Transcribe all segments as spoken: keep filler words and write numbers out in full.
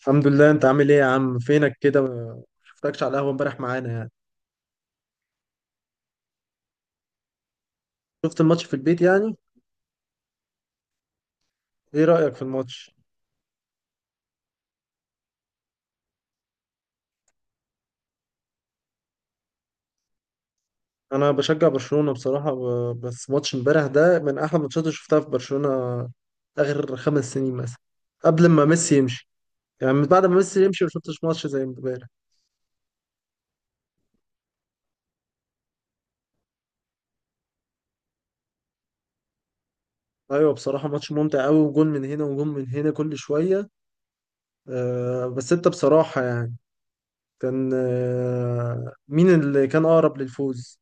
الحمد لله، انت عامل ايه يا عم؟ فينك كده ما شفتكش على القهوه امبارح معانا يعني. شفت الماتش في البيت يعني. ايه رايك في الماتش؟ انا بشجع برشلونه بصراحه. ب- بس ماتش امبارح ده من احلى الماتشات اللي شفتها في برشلونه اخر خمس سنين مثلا، قبل ما ميسي يمشي. يعني من بعد ما ميسي يمشي ما شفتش ماتش زي امبارح. ايوه، بصراحه ماتش ممتع قوي، وجون من هنا وجون من هنا كل شويه. أه بس انت بصراحه يعني كان، أه مين اللي كان اقرب للفوز؟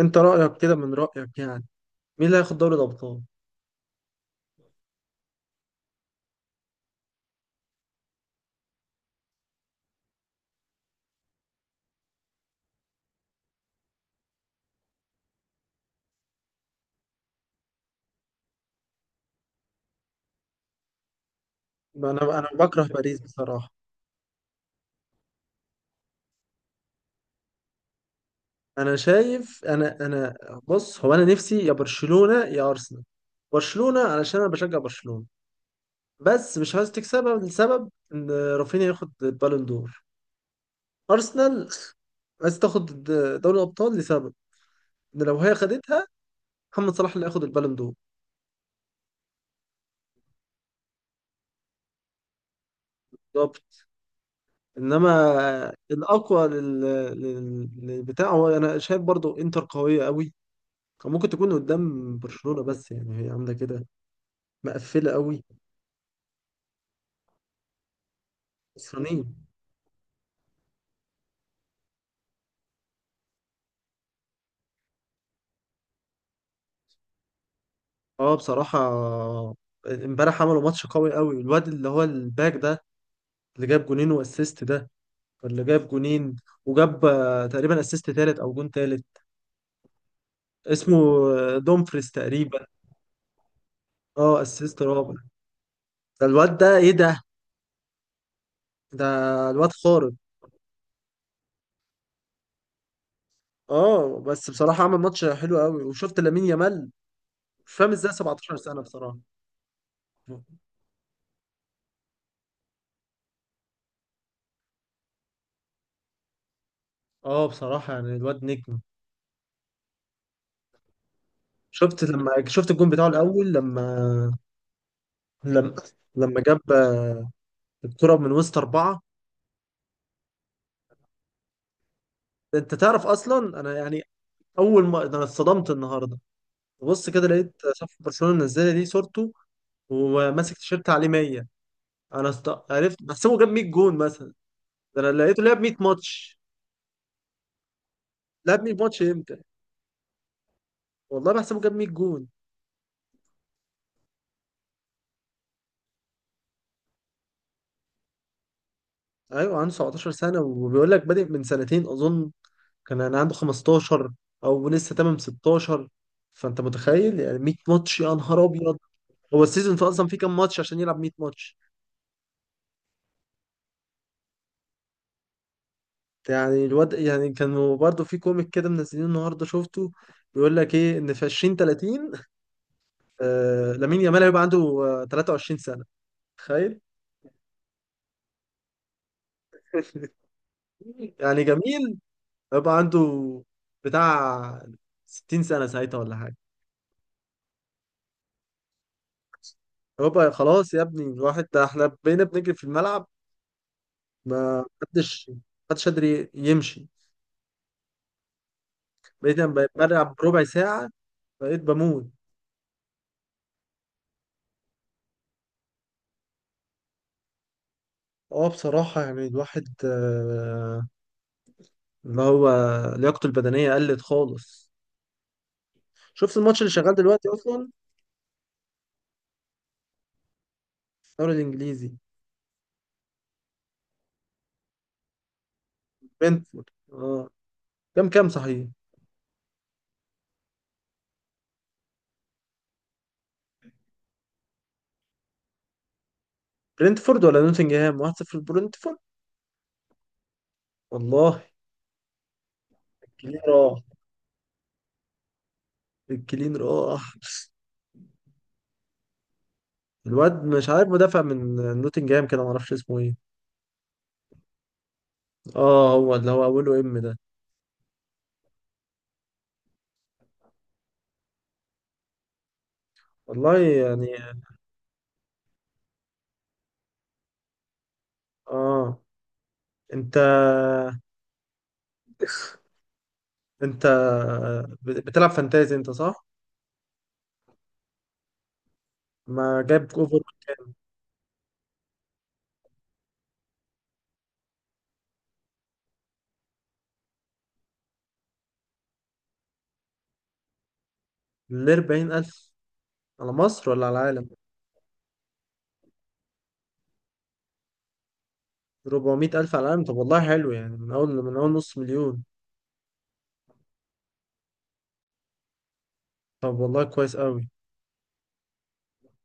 انت رايك كده، من رايك يعني مين اللي هياخد دوري الابطال؟ ما انا انا بكره باريس بصراحه. انا شايف انا انا بص، هو انا نفسي يا برشلونه يا ارسنال. برشلونه علشان انا بشجع برشلونه، بس مش عايز تكسبها لسبب ان رافينيا ياخد البالون دور. ارسنال عايز تاخد دوري الابطال لسبب ان لو هي خدتها، محمد صلاح اللي هياخد البالون دور. بالظبط. انما الاقوى لل... لل... للبتاع، هو انا شايف برضو انتر قويه قوي. كان ممكن تكون قدام برشلونه بس يعني هي عامله كده، مقفله قوي. صينيه. اه بصراحه، امبارح عملوا ماتش قوي قوي، الواد اللي هو الباك ده، اللي جاب جونين واسيست ده، اللي جاب جونين وجاب آه، تقريبا اسيست تالت او جون تالت. اسمه آه، دومفريز تقريبا. اه، اسيست رابع. ده الواد ده ايه ده؟ ده الواد خارق. اه بس بصراحه عمل ماتش حلو قوي. وشفت لامين يامال؟ مش فاهم ازاي سبعة عشر سنة سنه بصراحه. اه بصراحه يعني الواد نجم. شفت لما شفت الجون بتاعه الاول، لما لما لما جاب الكرة من وسط أربعة؟ أنت تعرف أصلا أنا يعني أول ما ده، أنا اتصدمت النهاردة. ببص كده لقيت صفحة برشلونة منزلة دي صورته، وماسك تيشيرت عليه مية. أنا است... عرفت، بحسبه جاب مية جون مثلا، ده أنا لقيته لعب مية ماتش. لعب مية ماتش إمتى؟ والله بحسبه جاب مية جون. أيوه عنده 17 سنة، وبيقول لك بادئ من سنتين أظن. كان أنا عنده خمستاشر، أو لسه تمام ستاشر. فأنت متخيل يعني مية ماتش؟ يا نهار أبيض. هو السيزون فيه أصلا فيه كام ماتش عشان يلعب مية ماتش؟ يعني الواد يعني، كانوا برضو في كوميك كده منزلينه النهارده شفته، بيقول لك ايه ان في عشرين تلاتين، آه لامين يامال هيبقى عنده آه تلاتة وعشرين سنة سنه. تخيل. يعني جميل، هيبقى عنده بتاع ستين سنة سنه ساعتها ولا حاجه. هيبقى خلاص يا ابني الواحد، ده احنا بقينا بنجري في الملعب. ما حدش حدش قادر يمشي. بقيت لما بلعب ربع ساعه بقيت بموت. اه بصراحه يعني الواحد آه، اللي هو لياقته البدنية قلت خالص. شفت الماتش اللي شغال دلوقتي أصلا؟ الدوري الإنجليزي. برنتفورد، اه. كام كام صحيح؟ برنتفورد ولا نوتنجهام؟ واحد صفر برنتفورد. والله. الكلين راح، الكلين راح. الواد مش عارف، مدافع من نوتنجهام كده، معرفش اسمه ايه. اه، هو اللي هو أوله إم ده. والله يعني. اه، انت انت بتلعب فانتازي انت، صح؟ ما جايب اوفر ل اربعين الف. على مصر ولا على العالم؟ اربعمية الف ألف على العالم؟ طب والله حلو يعني، من أول من أول نص مليون. طب والله كويس قوي.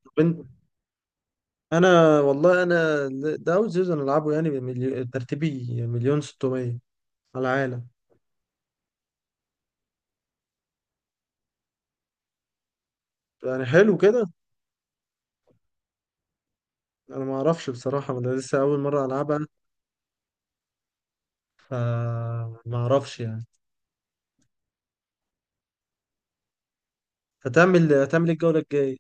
طب أنت، أنا والله أنا ده أول سيزون ألعبه يعني، بملي- ترتيبي مليون ستمية على العالم. يعني حلو كده. أنا ما أعرفش بصراحة، أنا لسه أول مرة ألعبها. فما أعرفش يعني. هتعمل هتعمل إيه الجولة الجاية؟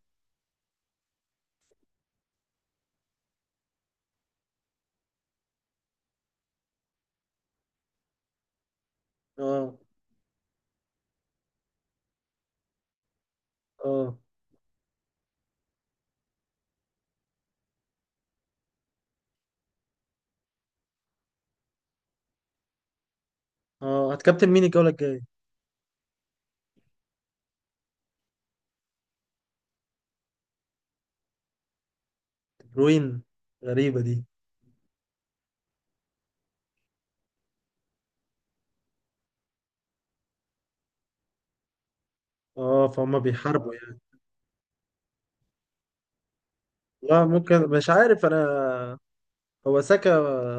أه، أه، أه. هتكابتن مين الجولة الجاية؟ روين، غريبة دي. أه، فهم بيحاربوا يعني. لا ممكن، مش عارف أنا. هو ساكا،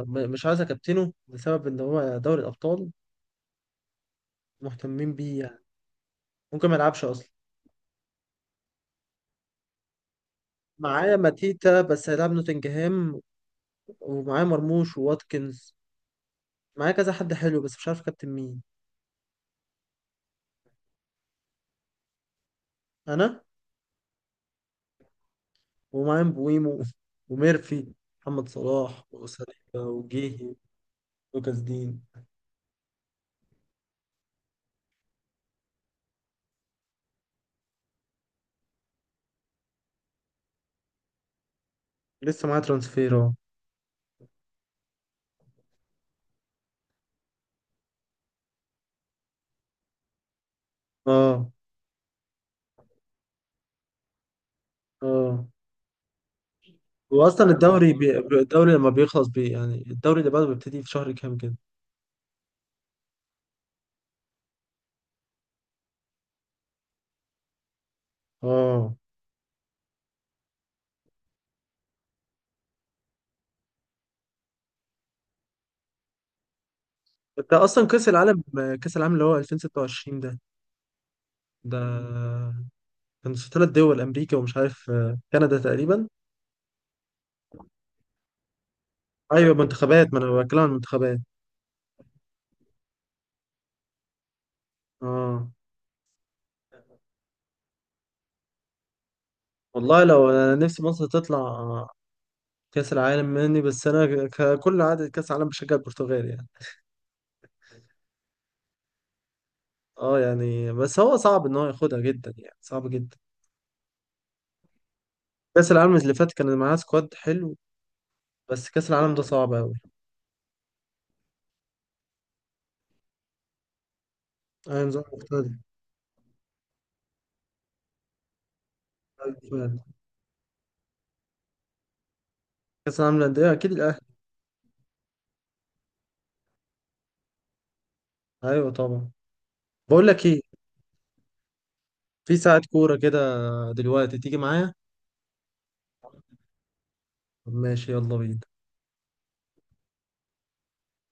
م- مش عايز اكابتنه لسبب ان هو دوري الابطال مهتمين بيه يعني. ممكن ما يلعبش اصلا. معايا ماتيتا بس هيلعب نوتنجهام، ومعايا مرموش وواتكنز. معايا كذا حد حلو بس مش عارف كابتن مين. انا، ومعايا بويمو وميرفي، محمد صلاح وساليبا وجيهي، لوكاس دين. لسه معايا ترانسفير، اه. اه، اه، هو اصلا الدوري بي... الدوري لما بيخلص بي... يعني الدوري اللي بعده بيبتدي في شهر كام كده؟ اه. انت اصلا كاس العالم، كاس العالم اللي هو الفين وستة وعشرين ده، ده كان ثلاث دول، امريكا ومش عارف، آه، كندا تقريبا. ايوه منتخبات، ما انا بتكلم عن المنتخبات. اه. والله لو انا نفسي مصر تطلع كاس العالم مني، بس انا ككل عادة كاس العالم بشجع البرتغال يعني. اه يعني، بس هو صعب ان هو ياخدها جدا، يعني صعب جدا. كاس العالم اللي فات كان معاه سكواد حلو، بس كاس العالم ده صعب قوي. ايوه نظام مختلف. أيوة فعلاً. كاس العالم للانديه اكيد الاهلي. ايوه طبعا. بقول لك ايه، في ساعة كورة كده دلوقتي، تيجي معايا؟ ماشي، يلا بينا.